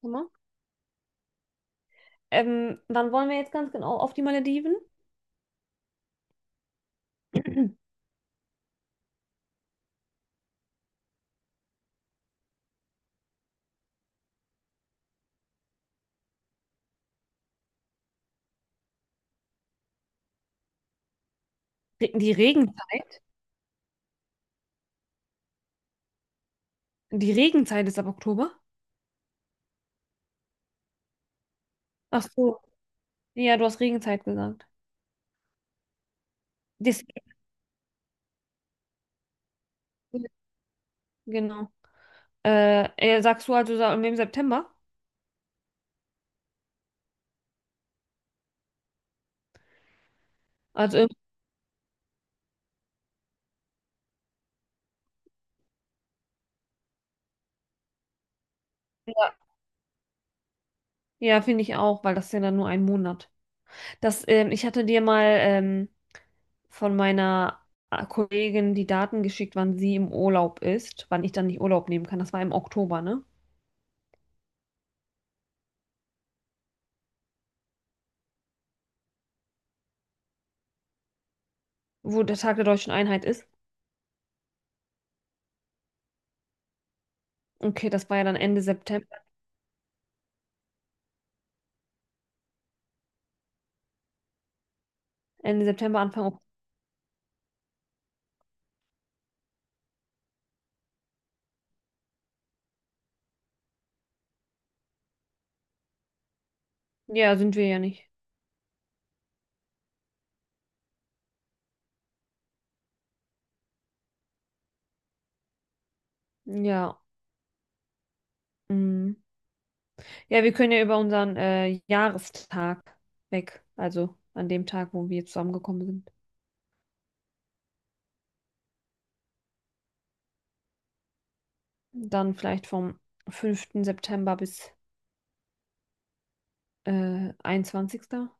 Guck mal. Wann wollen wir jetzt ganz genau auf die Malediven? Die Regenzeit? Die Regenzeit ist ab Oktober? Ach so. Ja, du hast Regenzeit gesagt. Das, genau. Sagst du also im September? Also im... ja, ja finde ich auch, weil das ist ja dann nur ein Monat. Das, ich hatte dir mal von meiner Kollegin die Daten geschickt, wann sie im Urlaub ist, wann ich dann nicht Urlaub nehmen kann. Das war im Oktober, ne? Wo der Tag der Deutschen Einheit ist. Okay, das war ja dann Ende September. Ende September, Anfang Oktober. Ja, sind wir ja nicht. Ja. Mhm. Ja, wir können ja über unseren Jahrestag weg. Also an dem Tag, wo wir zusammengekommen sind. Dann vielleicht vom fünften September bis 21.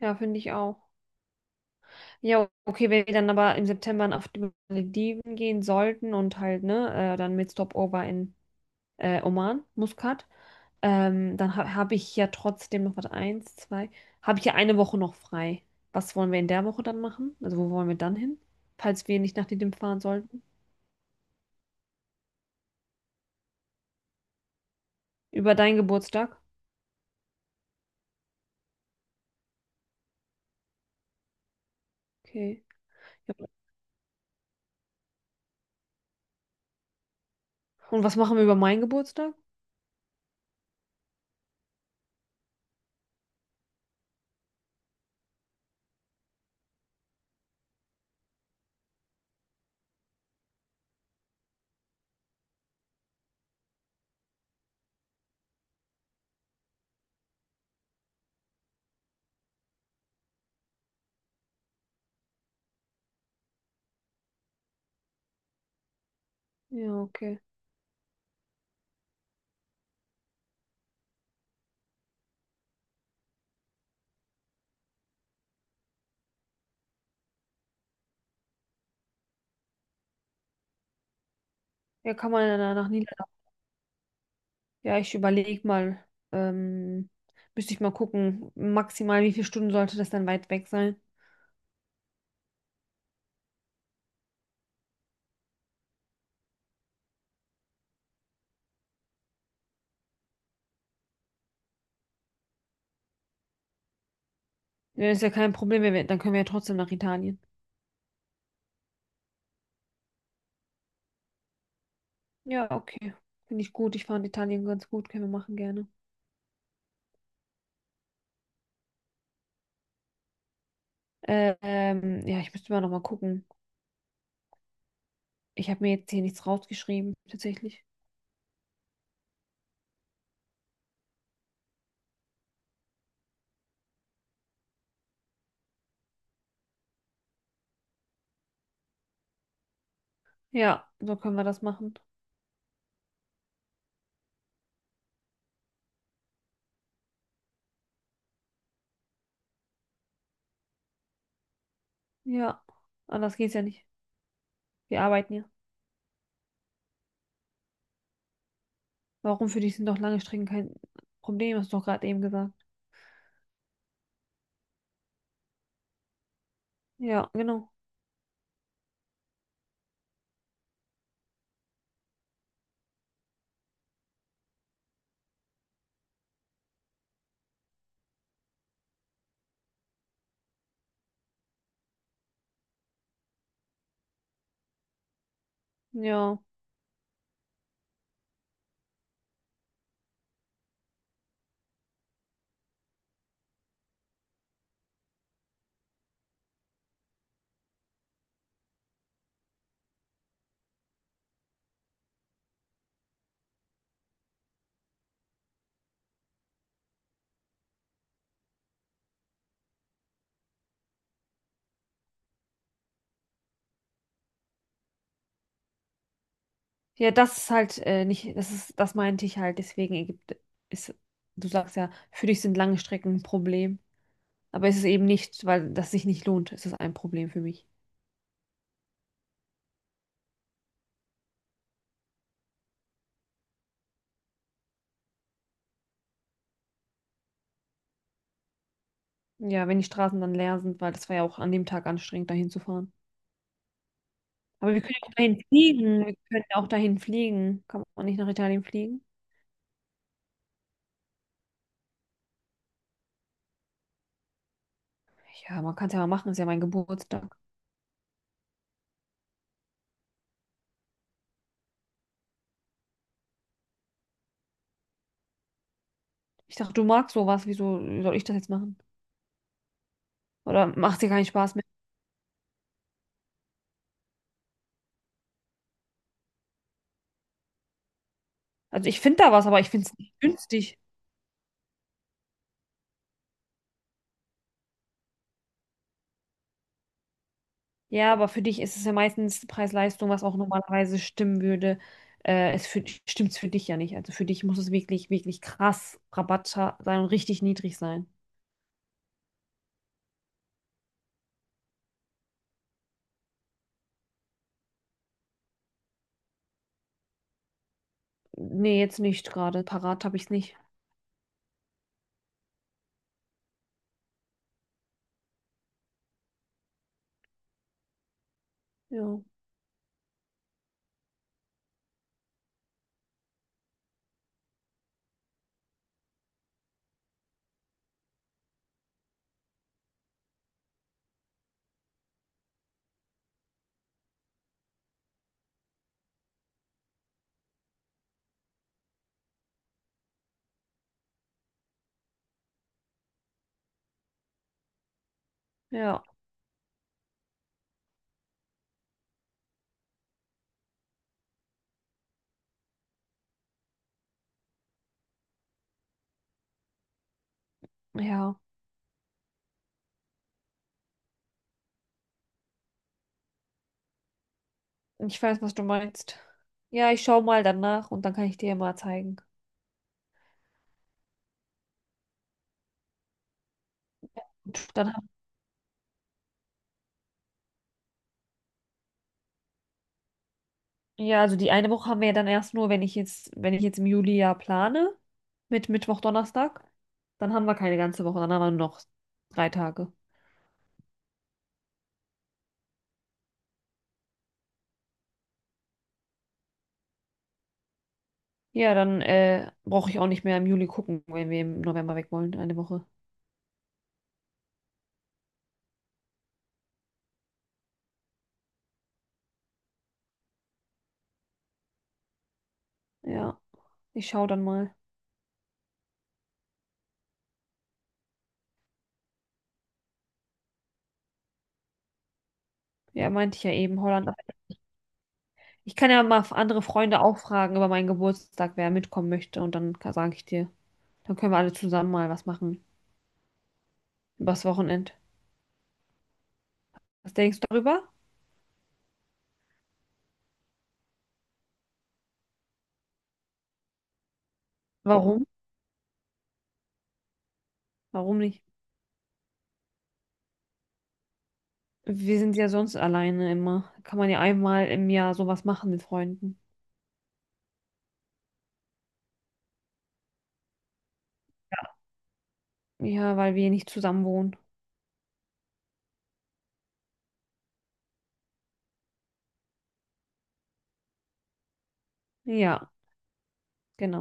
Ja, finde ich auch. Ja, okay, wenn wir dann aber im September auf die Malediven gehen sollten und halt, ne, dann mit Stopover in Oman, Muscat, dann ha habe ich ja trotzdem noch, was eins, zwei, habe ich ja eine Woche noch frei. Was wollen wir in der Woche dann machen? Also wo wollen wir dann hin? Falls wir nicht nach Didim fahren sollten. Über deinen Geburtstag? Okay. Ja. Und was machen wir über meinen Geburtstag? Ja, okay. Ja, kann man dann nach Niedersachsen. Ja, ich überlege mal, ähm, müsste ich mal gucken, maximal wie viele Stunden sollte das dann weit weg sein? Ja, ist ja kein Problem, wenn wir, dann können wir ja trotzdem nach Italien. Ja, okay. Finde ich gut. Ich fand Italien ganz gut. Können wir machen gerne. Ja, ich müsste mal nochmal gucken. Ich habe mir jetzt hier nichts rausgeschrieben, tatsächlich. Ja, so können wir das machen. Ja, anders geht's ja nicht. Wir arbeiten ja. Warum für dich sind doch lange Strecken kein Problem, hast du doch gerade eben gesagt. Ja, genau. Ja. Ja, das ist halt nicht, das ist, das meinte ich halt, deswegen Ägypten ist, du sagst ja, für dich sind lange Strecken ein Problem. Aber es ist eben nicht, weil das sich nicht lohnt, ist es ein Problem für mich. Ja, wenn die Straßen dann leer sind, weil das war ja auch an dem Tag anstrengend, dahin zu fahren. Aber wir können ja auch dahin fliegen. Wir können ja auch dahin fliegen. Kann man nicht nach Italien fliegen? Ja, man kann es ja mal machen, ist ja mein Geburtstag. Ich dachte, du magst sowas, wieso soll ich das jetzt machen? Oder macht dir keinen Spaß mehr? Also ich finde da was, aber ich finde es nicht günstig. Ja, aber für dich ist es ja meistens Preis-Leistung, was auch normalerweise stimmen würde. Es für, stimmt es für dich ja nicht. Also für dich muss es wirklich, wirklich krass Rabatt sein und richtig niedrig sein. Nee, jetzt nicht gerade. Parat habe ich es nicht. Ja, ja, ja. Ich weiß, was du meinst. Ja, ich schaue mal danach und dann kann ich dir ja mal zeigen. Und dann... ja, also die eine Woche haben wir ja dann erst nur, wenn ich jetzt im Juli ja plane, mit Mittwoch, Donnerstag, dann haben wir keine ganze Woche, dann haben wir nur noch drei Tage. Ja, dann brauche ich auch nicht mehr im Juli gucken, wenn wir im November weg wollen, eine Woche. Ja, ich schaue dann mal. Ja, meinte ich ja eben, Holland. Ich kann ja mal andere Freunde auch fragen über meinen Geburtstag, wer mitkommen möchte. Und dann sage ich dir, dann können wir alle zusammen mal was machen. Übers Wochenend. Was denkst du darüber? Warum? Warum nicht? Wir sind ja sonst alleine immer. Kann man ja einmal im Jahr sowas machen mit Freunden. Ja, weil wir nicht zusammen wohnen. Ja, genau.